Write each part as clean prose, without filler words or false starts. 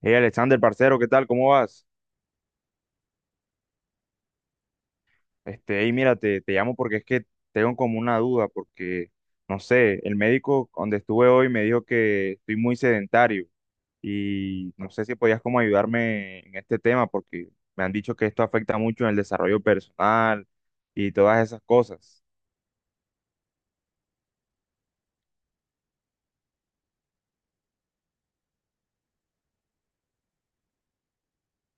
Hey Alexander, parcero, ¿qué tal? ¿Cómo vas? Hey, mira, te llamo porque es que tengo como una duda, porque, no sé, el médico donde estuve hoy me dijo que estoy muy sedentario y no sé si podías como ayudarme en este tema, porque me han dicho que esto afecta mucho en el desarrollo personal y todas esas cosas.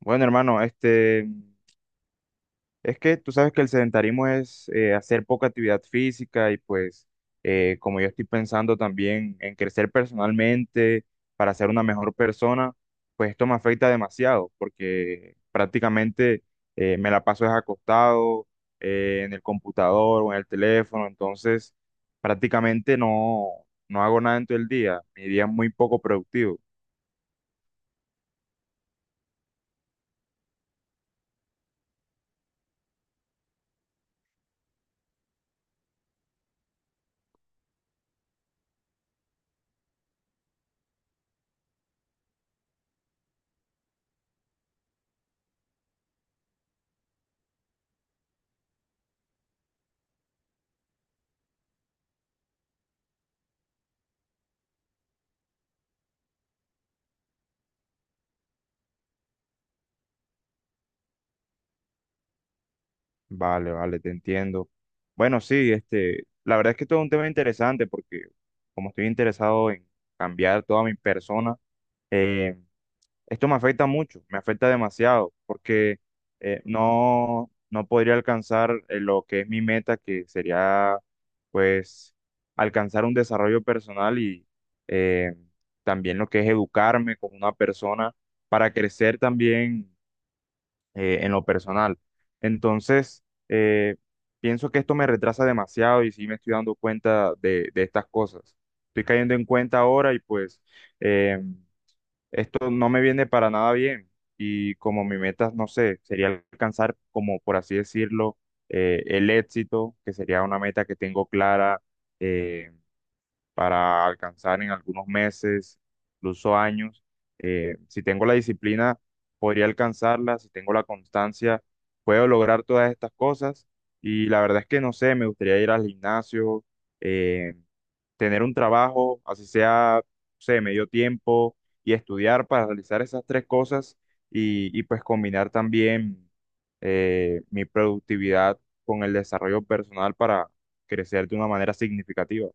Bueno, hermano, es que tú sabes que el sedentarismo es hacer poca actividad física y pues como yo estoy pensando también en crecer personalmente para ser una mejor persona, pues esto me afecta demasiado porque prácticamente me la paso es acostado en el computador o en el teléfono, entonces prácticamente no hago nada en todo el día, mi día es muy poco productivo. Vale, vale, te entiendo. Bueno, sí, la verdad es que todo es un tema interesante porque como estoy interesado en cambiar toda mi persona, eh, esto me afecta mucho, me afecta demasiado porque no podría alcanzar lo que es mi meta, que sería pues alcanzar un desarrollo personal y eh, también lo que es educarme como una persona para crecer también en lo personal. Entonces, eh, pienso que esto me retrasa demasiado y sí me estoy dando cuenta de estas cosas. Estoy cayendo en cuenta ahora y pues eh, esto no me viene para nada bien. Y como mi meta, no sé, sería alcanzar, como por así decirlo, el éxito, que sería una meta que tengo clara, eh, para alcanzar en algunos meses, incluso años. Si tengo la disciplina, podría alcanzarla, si tengo la constancia, puedo lograr todas estas cosas. Y la verdad es que no sé, me gustaría ir al gimnasio, eh, tener un trabajo, así sea, no sé, medio tiempo, y estudiar para realizar esas tres cosas y pues combinar también mi productividad con el desarrollo personal para crecer de una manera significativa.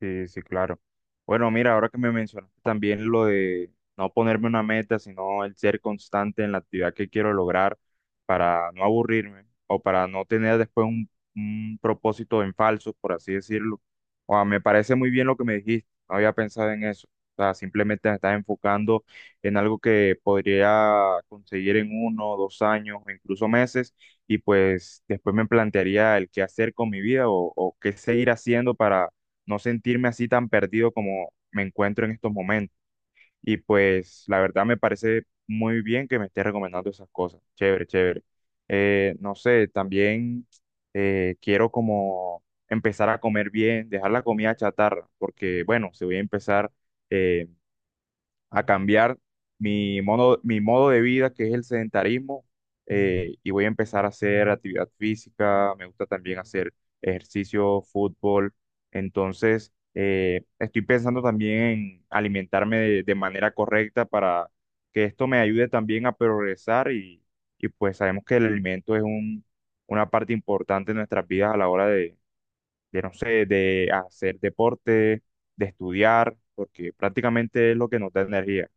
Sí, sí, claro. Bueno, mira, ahora que me mencionaste también lo de no ponerme una meta, sino el ser constante en la actividad que quiero lograr para no aburrirme o para no tener después un propósito en falso, por así decirlo. O sea, me parece muy bien lo que me dijiste, no había pensado en eso. O sea, simplemente me estás enfocando en algo que podría conseguir en uno, dos años o incluso meses y pues después me plantearía el qué hacer con mi vida o qué seguir haciendo para no sentirme así tan perdido como me encuentro en estos momentos. Y pues la verdad me parece muy bien que me esté recomendando esas cosas. Chévere, chévere. No sé, también quiero como empezar a comer bien, dejar la comida chatarra, porque bueno, se voy a empezar. eh, a cambiar mi modo de vida, que es el sedentarismo, y voy a empezar a hacer actividad física, me gusta también hacer ejercicio, fútbol, entonces estoy pensando también en alimentarme de manera correcta para que esto me ayude también a progresar y pues sabemos que el alimento es una parte importante en nuestras vidas a la hora de, no sé, de hacer deporte, de estudiar, porque prácticamente es lo que nos da energía.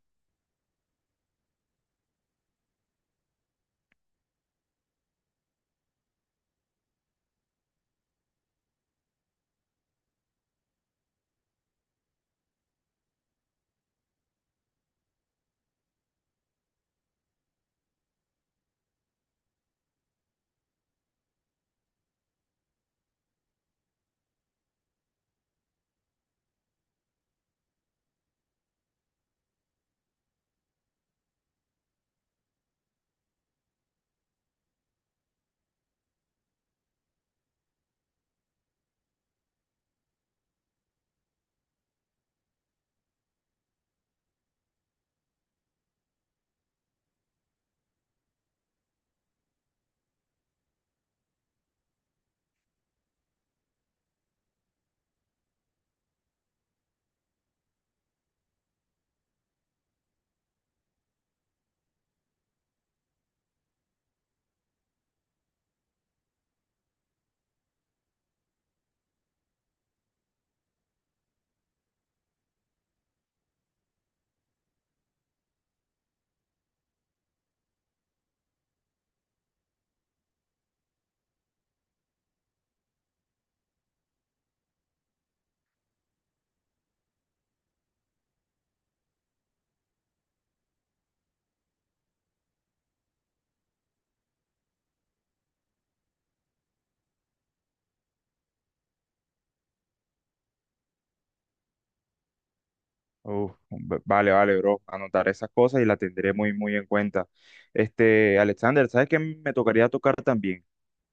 Uf, vale, vale, bro. Anotaré esas cosas y las tendré muy, muy en cuenta. Este, Alexander, ¿sabes qué me tocaría tocar también?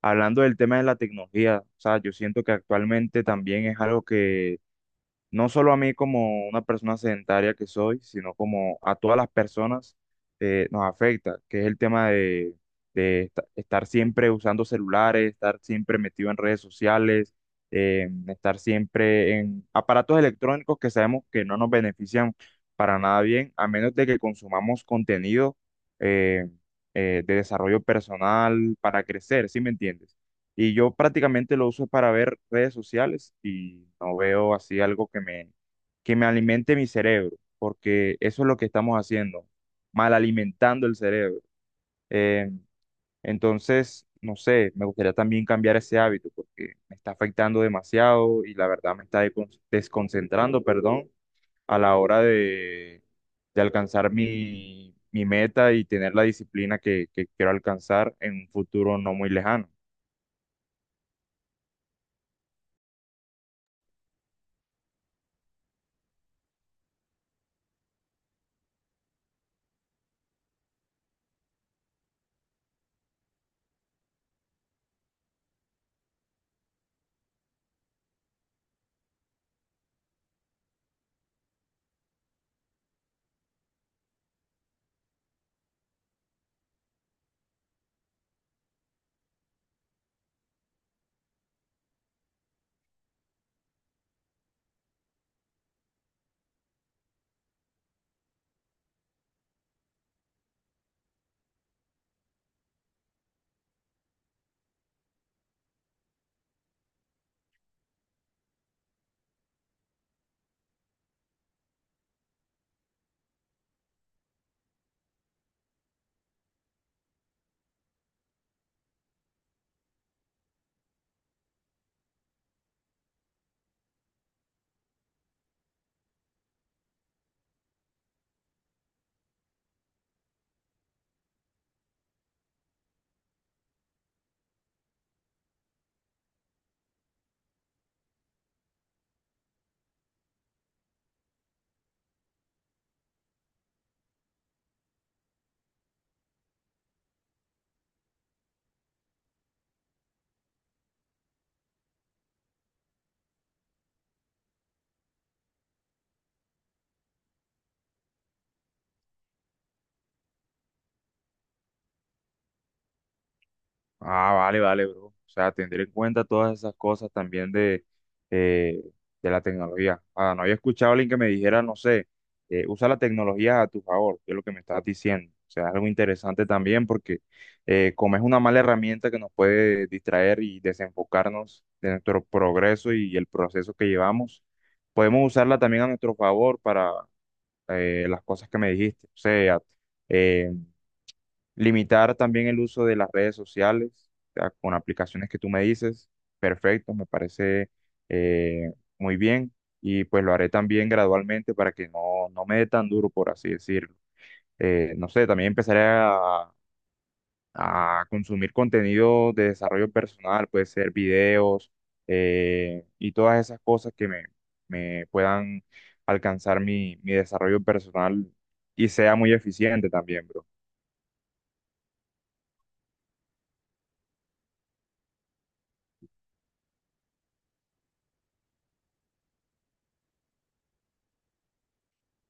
Hablando del tema de la tecnología, o sea, yo siento que actualmente también es algo que no solo a mí como una persona sedentaria que soy, sino como a todas las personas nos afecta, que es el tema de estar siempre usando celulares, estar siempre metido en redes sociales, estar siempre en aparatos electrónicos que sabemos que no nos benefician para nada bien, a menos de que consumamos contenido eh, de desarrollo personal para crecer, ¿sí me entiendes? Y yo prácticamente lo uso para ver redes sociales y no veo así algo que que me alimente mi cerebro, porque eso es lo que estamos haciendo, mal alimentando el cerebro. Eh, entonces, no sé, me gustaría también cambiar ese hábito porque me está afectando demasiado y la verdad me está desconcentrando, perdón, a la hora de alcanzar mi meta y tener la disciplina que quiero alcanzar en un futuro no muy lejano. Ah, vale, vale, bro. O sea, tener en cuenta todas esas cosas también eh, de la tecnología. Ah, no había escuchado a alguien que me dijera, no sé, usa la tecnología a tu favor, que es lo que me estás diciendo. O sea, algo interesante también porque como es una mala herramienta que nos puede distraer y desenfocarnos de nuestro progreso y el proceso que llevamos, podemos usarla también a nuestro favor para las cosas que me dijiste. O sea, eh, limitar también el uso de las redes sociales, o sea, con aplicaciones que tú me dices, perfecto, me parece muy bien y pues lo haré también gradualmente para que no me dé tan duro, por así decirlo. No sé, también empezaré a consumir contenido de desarrollo personal, puede ser videos y todas esas cosas que me puedan alcanzar mi desarrollo personal y sea muy eficiente también, bro.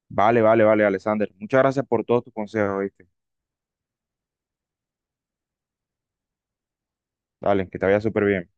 Vale, vale, vale, Alexander. Muchas gracias por todos tus consejos, ¿viste? Dale, que te vaya súper bien.